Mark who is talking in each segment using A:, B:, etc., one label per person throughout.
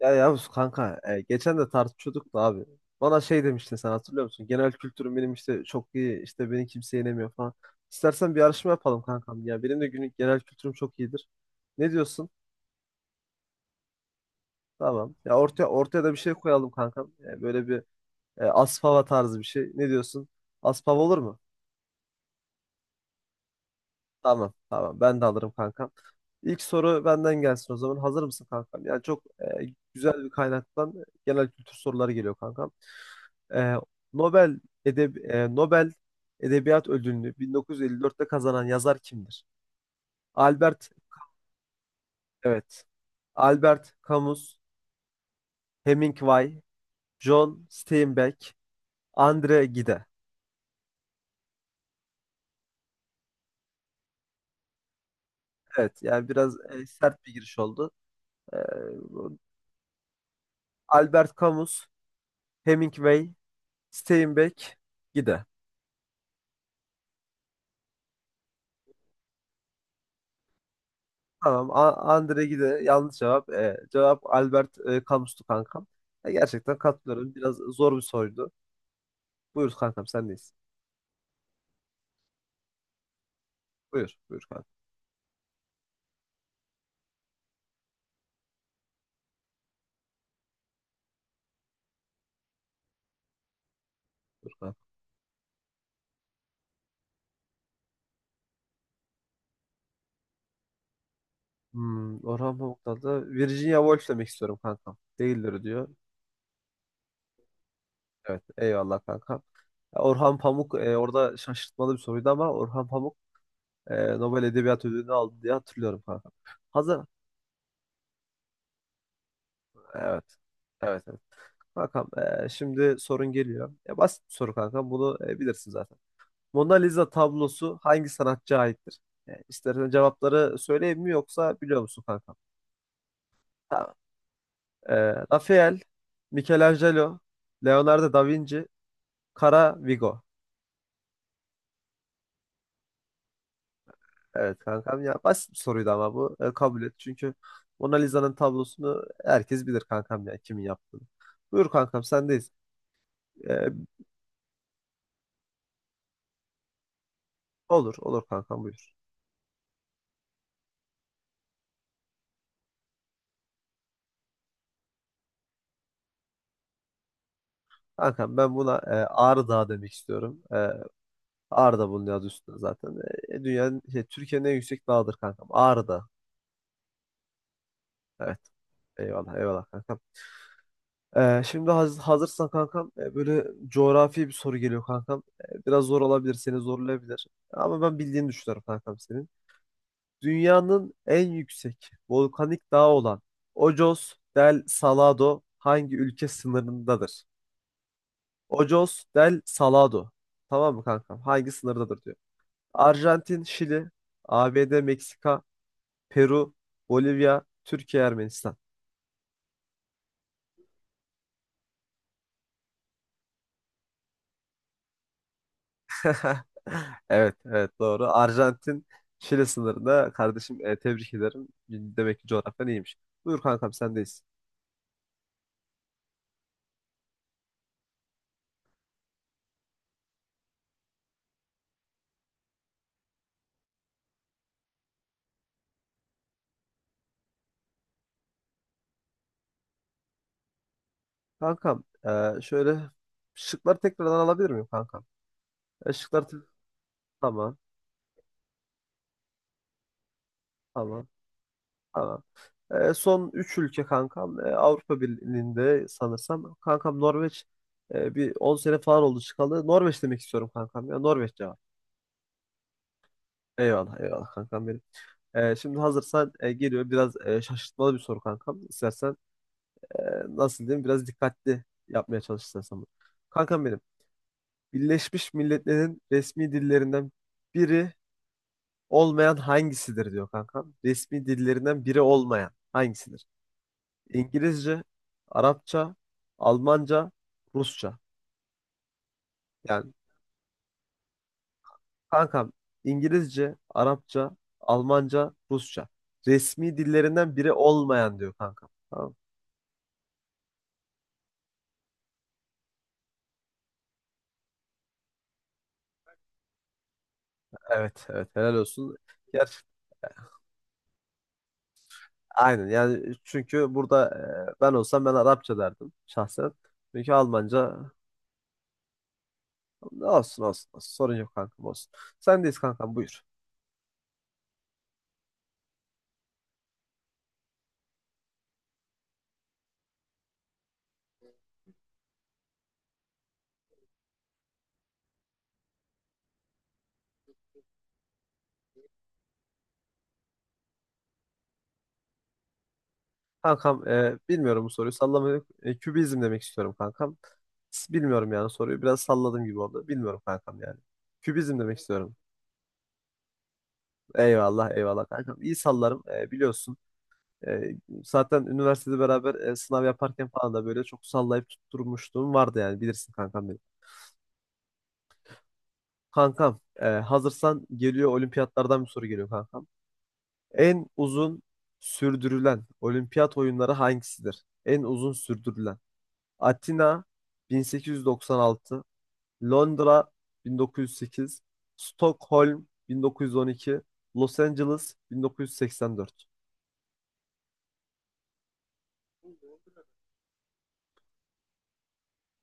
A: Ya Yavuz kanka geçen de tartışıyorduk da abi. Bana şey demiştin sen hatırlıyor musun? Genel kültürüm benim işte çok iyi işte beni kimse yenemiyor falan. İstersen bir yarışma yapalım kankam ya. Benim de günlük genel kültürüm çok iyidir. Ne diyorsun? Tamam. Ya ortaya da bir şey koyalım kankam. Böyle bir Aspava tarzı bir şey. Ne diyorsun? Aspava olur mu? Tamam, tamam, ben de alırım kankam. İlk soru benden gelsin o zaman. Hazır mısın kankam? Yani çok güzel bir kaynaktan genel kültür soruları geliyor kankam. e, Nobel Nobel Edebiyat Ödülünü 1954'te kazanan yazar kimdir? Albert, evet. Albert Camus, Hemingway, John Steinbeck, Andre Gide. Evet, yani biraz sert bir giriş oldu. E, Albert Camus, Hemingway, Steinbeck, Gide. Tamam, Andre Gide yanlış cevap. Cevap Albert Camus'tu kankam. Gerçekten katılıyorum. Biraz zor bir soruydu. Buyur kankam, sendeyiz. Buyur. Buyur kanka. Buyur kanka. Hmm, Orhan Pamuk'tan da Virginia Woolf demek istiyorum kankam. Değildir diyor. Evet. Eyvallah kanka. Orhan Pamuk orada şaşırtmalı bir soruydu ama Orhan Pamuk Nobel Edebiyat Ödülünü aldı diye hatırlıyorum kanka. Hazır. Evet. Evet, evet. Kankam şimdi sorun geliyor. Basit bir soru kanka. Bunu bilirsin zaten. Mona Lisa tablosu hangi sanatçıya aittir? İstersen cevapları söyleyeyim mi yoksa biliyor musun kanka? Ee, Rafael, Michelangelo, Leonardo da Vinci, Kara Vigo. Evet kankam ya basit bir soruydu ama bu kabul et. Çünkü Mona Lisa'nın tablosunu herkes bilir kankam ya kimin yaptığını. Buyur kankam sendeyiz. Ee, olur, olur, kankam buyur. Kankam ben buna Ağrı Dağı demek istiyorum. Ağrı da bunun adı üstünde zaten. Dünyanın, şey, Türkiye'nin en yüksek dağıdır kankam. Ağrı Dağı. Evet, eyvallah, eyvallah kankam. Şimdi hazırsan kankam böyle coğrafi bir soru geliyor kankam. Biraz zor olabilir, seni zorlayabilir. Ama ben bildiğini düşünüyorum kankam senin. Dünyanın en yüksek volkanik dağı olan Ojos del Salado hangi ülke sınırındadır? Ojos del Salado. Tamam mı kankam? Hangi sınırdadır diyor. Arjantin, Şili, ABD, Meksika, Peru, Bolivya, Türkiye, Ermenistan. Evet, evet doğru. Arjantin Şili sınırında kardeşim tebrik ederim. Demek ki coğrafyan iyiymiş. Buyur kankam sendeyiz. Kankam şöyle şıkları tekrardan alabilir miyim kankam? E, şıkları te- tamam, tamam, tamam. Son üç ülke kankam Avrupa Birliği'nde sanırsam. Kankam Norveç bir 10 sene falan oldu çıkalı. Norveç demek istiyorum kankam ya Norveç cevap. Eyvallah, eyvallah kankam benim. Şimdi hazırsan geliyor biraz şaşırtmalı bir soru kankam. İstersen e, nasıl diyeyim biraz dikkatli yapmaya çalışırsan sanırım. Kankam benim. Birleşmiş Milletler'in resmi dillerinden biri olmayan hangisidir diyor kankam. Resmi dillerinden biri olmayan hangisidir? İngilizce, Arapça, Almanca, Rusça. Yani kankam İngilizce, Arapça, Almanca, Rusça. Resmi dillerinden biri olmayan diyor kankam. Tamam. Evet, evet helal olsun. Ger Aynen yani çünkü burada ben olsam ben Arapça derdim şahsen. Çünkü Almanca ne olsun. Sorun yok kankam olsun. Sendeyiz kankam buyur. Kankam bilmiyorum bu soruyu sallamayı kübizm demek istiyorum kankam. Bilmiyorum yani soruyu biraz salladım gibi oldu. Bilmiyorum kankam yani. Kübizm demek istiyorum. Eyvallah, eyvallah kankam. İyi sallarım biliyorsun. E, Zaten üniversitede beraber sınav yaparken falan da böyle çok sallayıp tutturmuşluğum vardı yani bilirsin kankam. Kankam, hazırsan geliyor olimpiyatlardan bir soru geliyor kankam. En uzun sürdürülen olimpiyat oyunları hangisidir? En uzun sürdürülen. Atina 1896, Londra 1908, Stockholm 1912, Los Angeles 1984.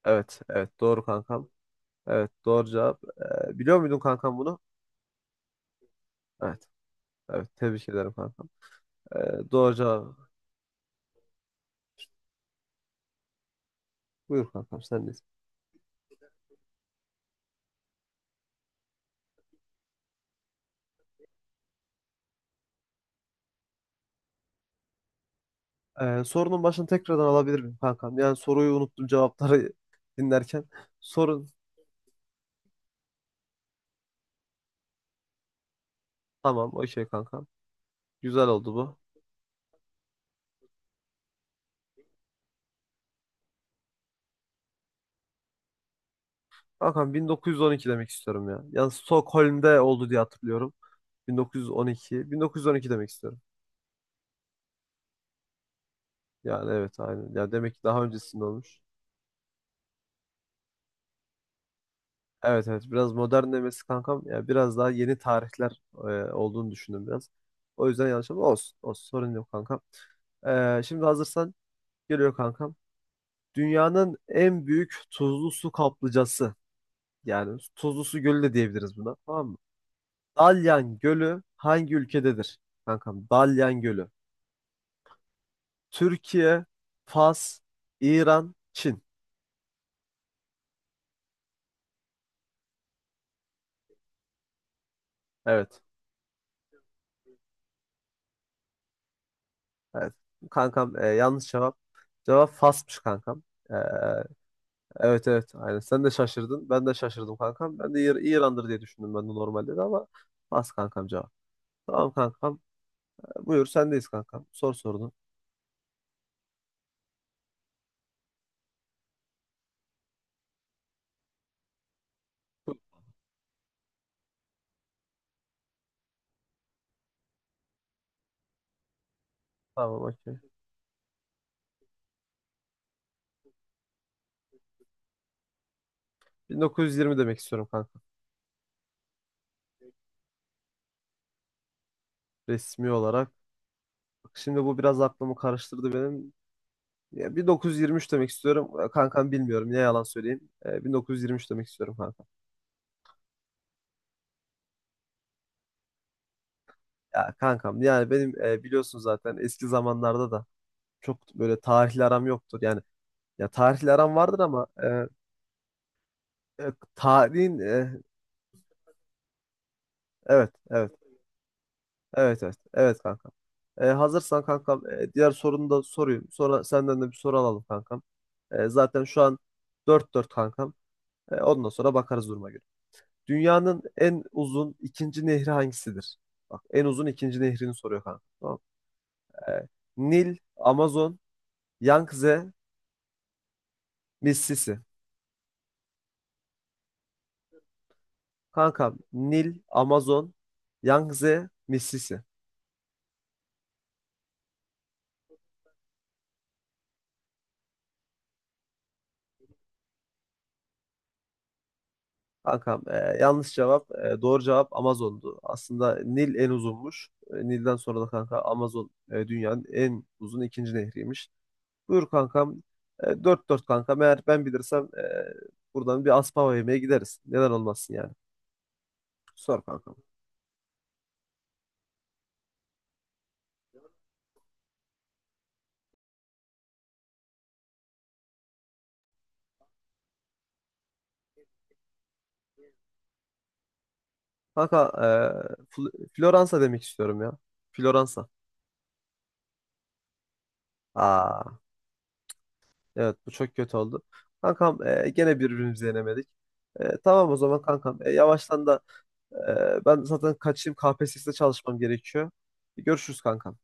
A: Evet, evet doğru kankam. Evet doğru cevap. Biliyor muydun kankam bunu? Evet, evet tebrik ederim kankam. Doğru cevap. Buyur kankam sen de. Sorunun başını tekrardan alabilir miyim kankam? Yani soruyu unuttum cevapları dinlerken. Sorun tamam o şey kankam. Güzel oldu bu. Kankam 1912 demek istiyorum ya. Yani Stockholm'de oldu diye hatırlıyorum. 1912. 1912 demek istiyorum. Yani evet aynen. Ya demek ki daha öncesinde olmuş. Evet, evet biraz modern demesi kankam. Ya biraz daha yeni tarihler olduğunu düşündüm biraz. O yüzden yanlış ama olsun. Olsun sorun yok kankam. Şimdi hazırsan geliyor kankam. Dünyanın en büyük tuzlu su kaplıcası. Yani tuzlu su gölü de diyebiliriz buna. Tamam mı? Dalyan Gölü hangi ülkededir? Kankam Dalyan Gölü. Türkiye, Fas, İran, Çin. Evet. Evet. Kankam yanlış cevap. Cevap Fas'mış kankam. E, evet, evet. Aynen. Sen de şaşırdın. Ben de şaşırdım kankam. Ben de İran'dır diye düşündüm ben de normalde de ama Fas kankam cevap. Tamam kankam. Buyur sendeyiz kankam. Sor sorunu. Tamam okey. 1920 demek istiyorum kanka. Resmi olarak. Bak, şimdi bu biraz aklımı karıştırdı benim. Ya 1923 demek istiyorum. Kankam bilmiyorum. Ne yalan söyleyeyim. 1923 demek istiyorum kanka. Ya kankam yani benim biliyorsun zaten eski zamanlarda da çok böyle tarihli aram yoktur. Yani ya tarihli aram vardır ama tarihin evet, evet, evet, evet, evet, kanka. Hazırsan kankam diğer sorunu da sorayım. Sonra senden de bir soru alalım kankam. Zaten şu an 4-4 kankam. Ondan sonra bakarız duruma göre. Dünyanın en uzun ikinci nehri hangisidir? Bak en uzun ikinci nehrini soruyor kanka. Tamam. E, Nil, Amazon, Yangtze, Mississippi. Kankam Nil, Amazon, Yangtze, Mississippi. Kankam yanlış cevap. Doğru cevap Amazon'du. Aslında Nil en uzunmuş. Nil'den sonra da kanka Amazon dünyanın en uzun ikinci nehriymiş. Buyur kankam. 4-4 kankam. Eğer ben bilirsem buradan bir Aspava yemeğe gideriz. Neden olmasın yani. Sor kankam. Kanka Floransa demek istiyorum ya. Floransa. Aa, evet bu çok kötü oldu. Kankam gene birbirimizi yenemedik. Tamam o zaman kankam. Yavaştan da ben zaten kaçayım KPSS'de çalışmam gerekiyor. Görüşürüz kankam.